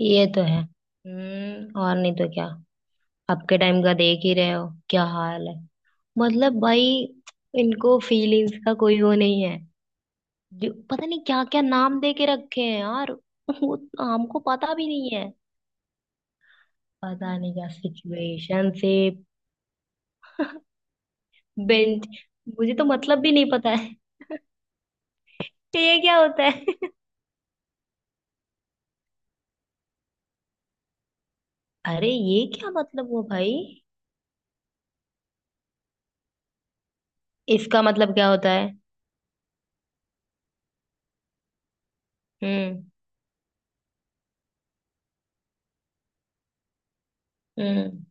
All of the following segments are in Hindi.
ये तो है। हम्म। और नहीं तो क्या। आपके टाइम का देख ही रहे हो, क्या हाल है। मतलब भाई। इनको फीलिंग्स का कोई वो नहीं है। जो पता नहीं क्या क्या नाम दे के रखे हैं यार, वो हमको पता भी नहीं है। पता नहीं क्या सिचुएशनशिप, बेंच। मुझे तो मतलब भी नहीं पता है। ये क्या होता है। अरे ये क्या मतलब हुआ भाई। इसका मतलब क्या होता है। हम्म। हम्म।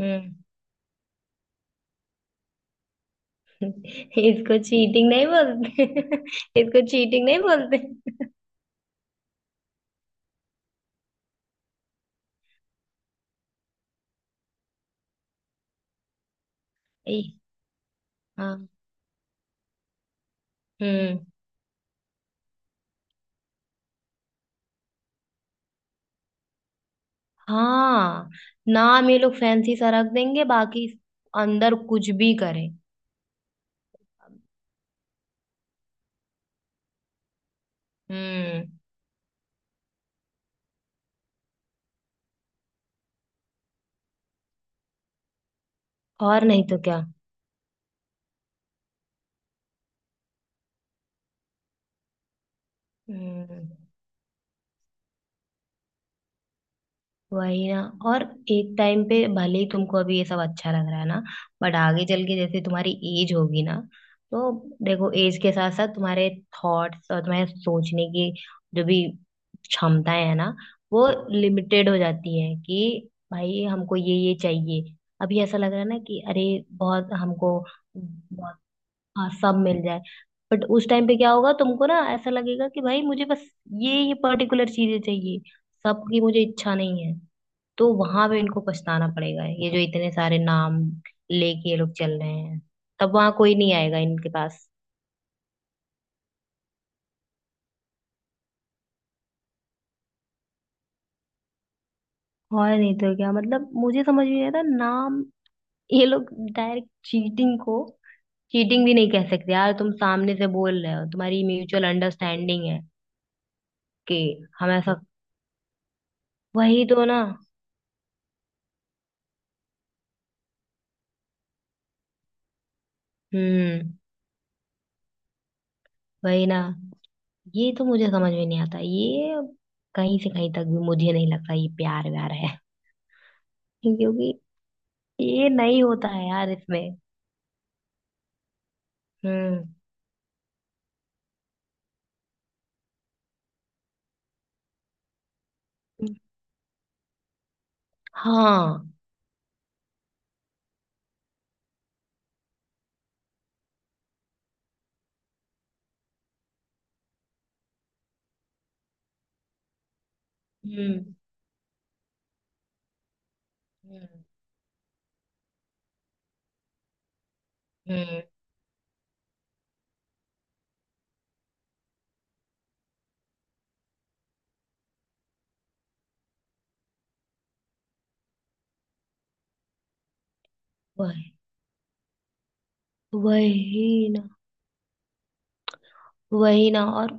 हम्म। इसको चीटिंग नहीं बोलते। इसको चीटिंग नहीं बोलते। ए, हाँ। हम्म। हाँ। नाम ये लोग फैंसी सा रख देंगे, बाकी अंदर कुछ भी करें। हम्म। और नहीं तो क्या। हम्म। वही ना। और एक टाइम पे भले ही तुमको अभी ये सब अच्छा लग रहा है ना, बट आगे चल के जैसे तुम्हारी एज होगी ना, तो देखो एज के साथ साथ तुम्हारे थॉट्स और तुम्हारे सोचने की जो भी क्षमताएं है ना, वो लिमिटेड हो जाती है कि भाई हमको ये चाहिए। अभी ऐसा लग रहा है ना कि अरे बहुत हमको, बहुत। हाँ, सब मिल जाए। बट उस टाइम पे क्या होगा, तुमको ना ऐसा लगेगा कि भाई मुझे बस ये पर्टिकुलर चीजें चाहिए, सबकी मुझे इच्छा नहीं है। तो वहां पे इनको पछताना पड़ेगा, ये जो इतने सारे नाम लेके ये लोग चल रहे हैं, तब वहां कोई नहीं आएगा इनके पास। और नहीं तो क्या। मतलब मुझे समझ में नहीं आता, नाम ये लोग डायरेक्ट चीटिंग को चीटिंग भी नहीं कह सकते यार, तुम सामने से बोल रहे हो, तुम्हारी म्यूचुअल अंडरस्टैंडिंग है कि हम ऐसा। वही तो ना। हम्म। वही ना। ये तो मुझे समझ में नहीं आता ये, कहीं से कहीं तक भी मुझे नहीं लगता ये प्यार व्यार है। क्योंकि ये नहीं होता है यार इसमें। हम्म। हाँ। हम्म। हम्म। हम्म। वही। वही ना वही ना। और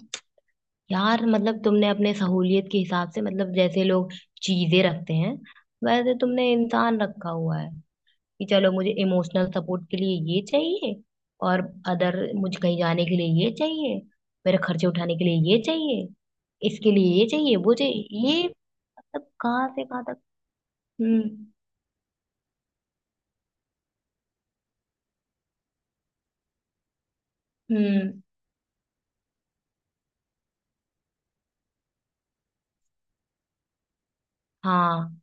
यार मतलब तुमने अपने सहूलियत के हिसाब से, मतलब जैसे लोग चीजें रखते हैं वैसे तुमने इंसान रखा हुआ है, कि चलो मुझे इमोशनल सपोर्ट के लिए ये चाहिए, और अदर मुझे कहीं जाने के लिए ये चाहिए, मेरे खर्चे उठाने के लिए ये चाहिए, इसके लिए ये चाहिए वो चाहिए ये, मतलब कहाँ से कहाँ तक। हम्म। हम्म। हाँ।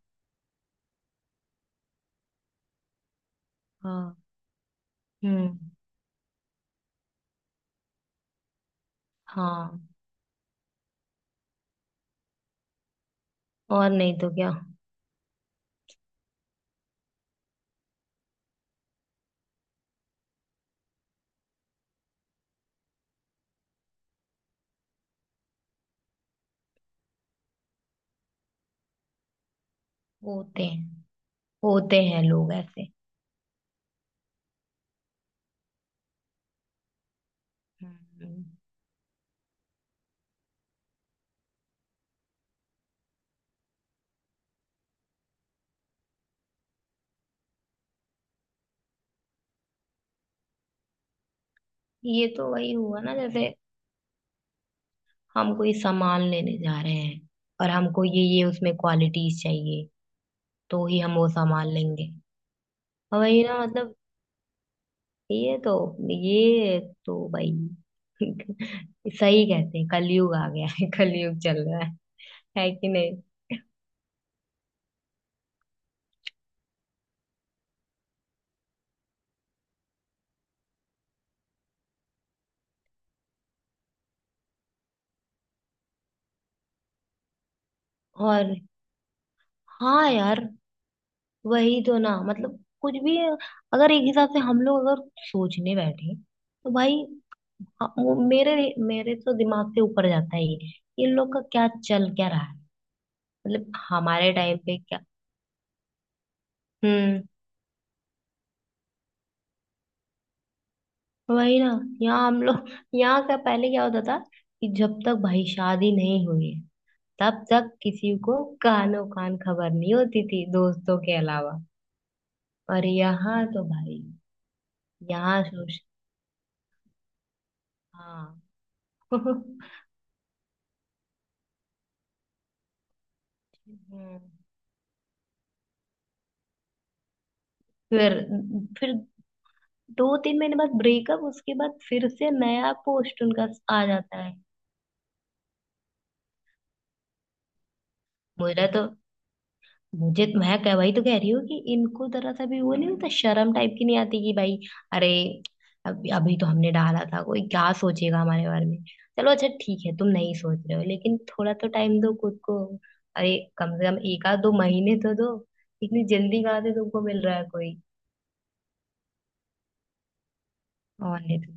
हाँ। हम्म। हाँ। और नहीं तो क्या। होते हैं, होते हैं लोग ऐसे। हम्म। ये तो वही हुआ ना जैसे हम कोई सामान लेने जा रहे हैं और हमको ये उसमें क्वालिटीज चाहिए, तो ही हम वो सामान लेंगे। और वही ना, मतलब ये तो ये तो भाई सही कहते हैं, कलयुग आ गया है, कलयुग चल रहा है कि नहीं। और हाँ यार, वही तो ना, मतलब कुछ भी अगर एक हिसाब से हम लोग अगर सोचने बैठे तो भाई, हाँ, वो मेरे मेरे तो दिमाग से ऊपर जाता है, ये इन लोग का क्या रहा है। मतलब हमारे टाइम पे क्या। हम्म। वही ना। यहाँ हम लोग, यहाँ का पहले क्या होता था कि जब तक भाई शादी नहीं हुई है तब तक किसी को कानो कान खबर नहीं होती थी, दोस्तों के अलावा, और यहाँ तो भाई, यहाँ सोच। हाँ। हम्म, फिर फिर दो तीन महीने बाद ब्रेकअप, उसके बाद फिर से नया पोस्ट उनका आ जाता है। मुझे तो मैं कह वही तो कह रही हूँ कि इनको जरा सा भी वो नहीं होता, शर्म टाइप की नहीं आती कि भाई, अरे अभी अभी तो हमने डाला था, कोई क्या सोचेगा हमारे बारे में। चलो अच्छा ठीक है, तुम नहीं सोच रहे हो, लेकिन थोड़ा तो टाइम दो खुद को, अरे कम से कम एक आध दो महीने तो दो, इतनी जल्दी कहाँ से तुमको मिल रहा है कोई। और नहीं तो।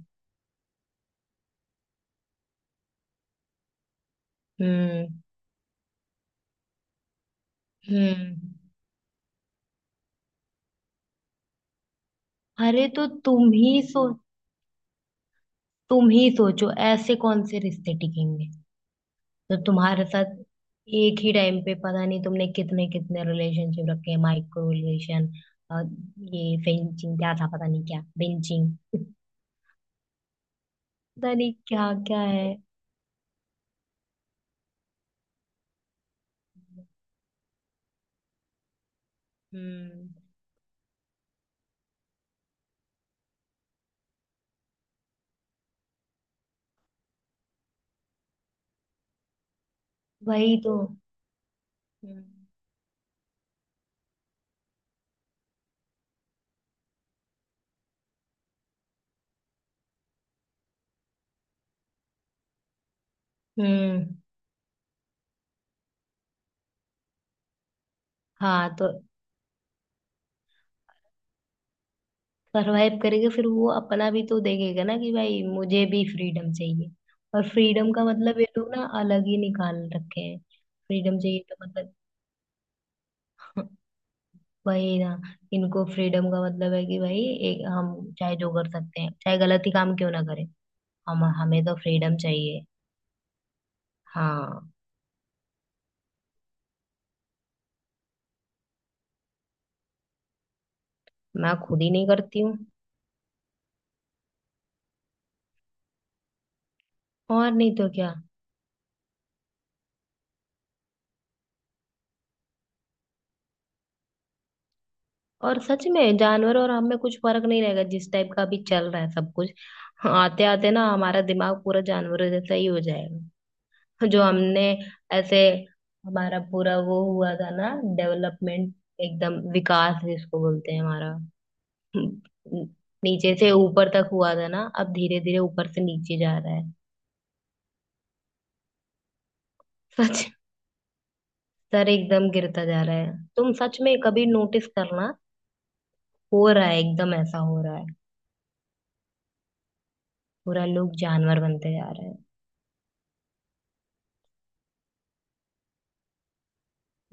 हम्म। हम्म। अरे तो तुम ही सो तुम ही सोचो ऐसे कौन से रिश्ते टिकेंगे तो तुम्हारे साथ, एक ही टाइम पे पता नहीं तुमने कितने कितने रिलेशनशिप रखे हैं, माइक्रो रिलेशन, और ये फेंचिंग क्या था, पता नहीं क्या बेंचिंग, पता नहीं क्या क्या है। हम्म। वही तो। हम्म। हम्म। हाँ तो सरवाइव करेगा, फिर वो अपना भी तो देखेगा ना कि भाई मुझे भी फ्रीडम चाहिए, और फ्रीडम का मतलब ये लोग ना अलग ही निकाल रखे हैं। फ्रीडम चाहिए तो मतलब, वही ना, इनको फ्रीडम का मतलब है कि भाई एक हम चाहे जो कर सकते हैं, चाहे गलत ही काम क्यों ना करें, हम हमें तो फ्रीडम चाहिए। हाँ। मैं खुद ही नहीं करती हूँ। और नहीं तो क्या। और सच में जानवर और हम में कुछ फर्क नहीं रहेगा, जिस टाइप का अभी चल रहा है सब कुछ, आते आते ना हमारा दिमाग पूरा जानवरों जैसा ही हो जाएगा। जो हमने ऐसे, हमारा पूरा वो हुआ था ना डेवलपमेंट, एकदम विकास जिसको बोलते हैं हमारा, हम्म, नीचे से ऊपर तक हुआ था ना, अब धीरे धीरे ऊपर से नीचे जा रहा है। सच। सर एकदम गिरता जा रहा है। तुम सच में कभी नोटिस करना, हो रहा है, एकदम ऐसा हो रहा है, पूरा लोग जानवर बनते जा रहे हैं।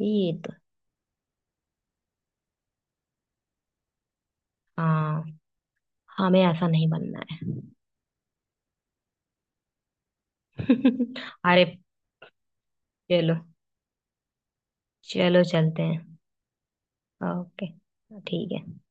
ये तो। हाँ। हमें ऐसा नहीं बनना है। अरे चलो, चलो चलते हैं। ओके। ठीक है।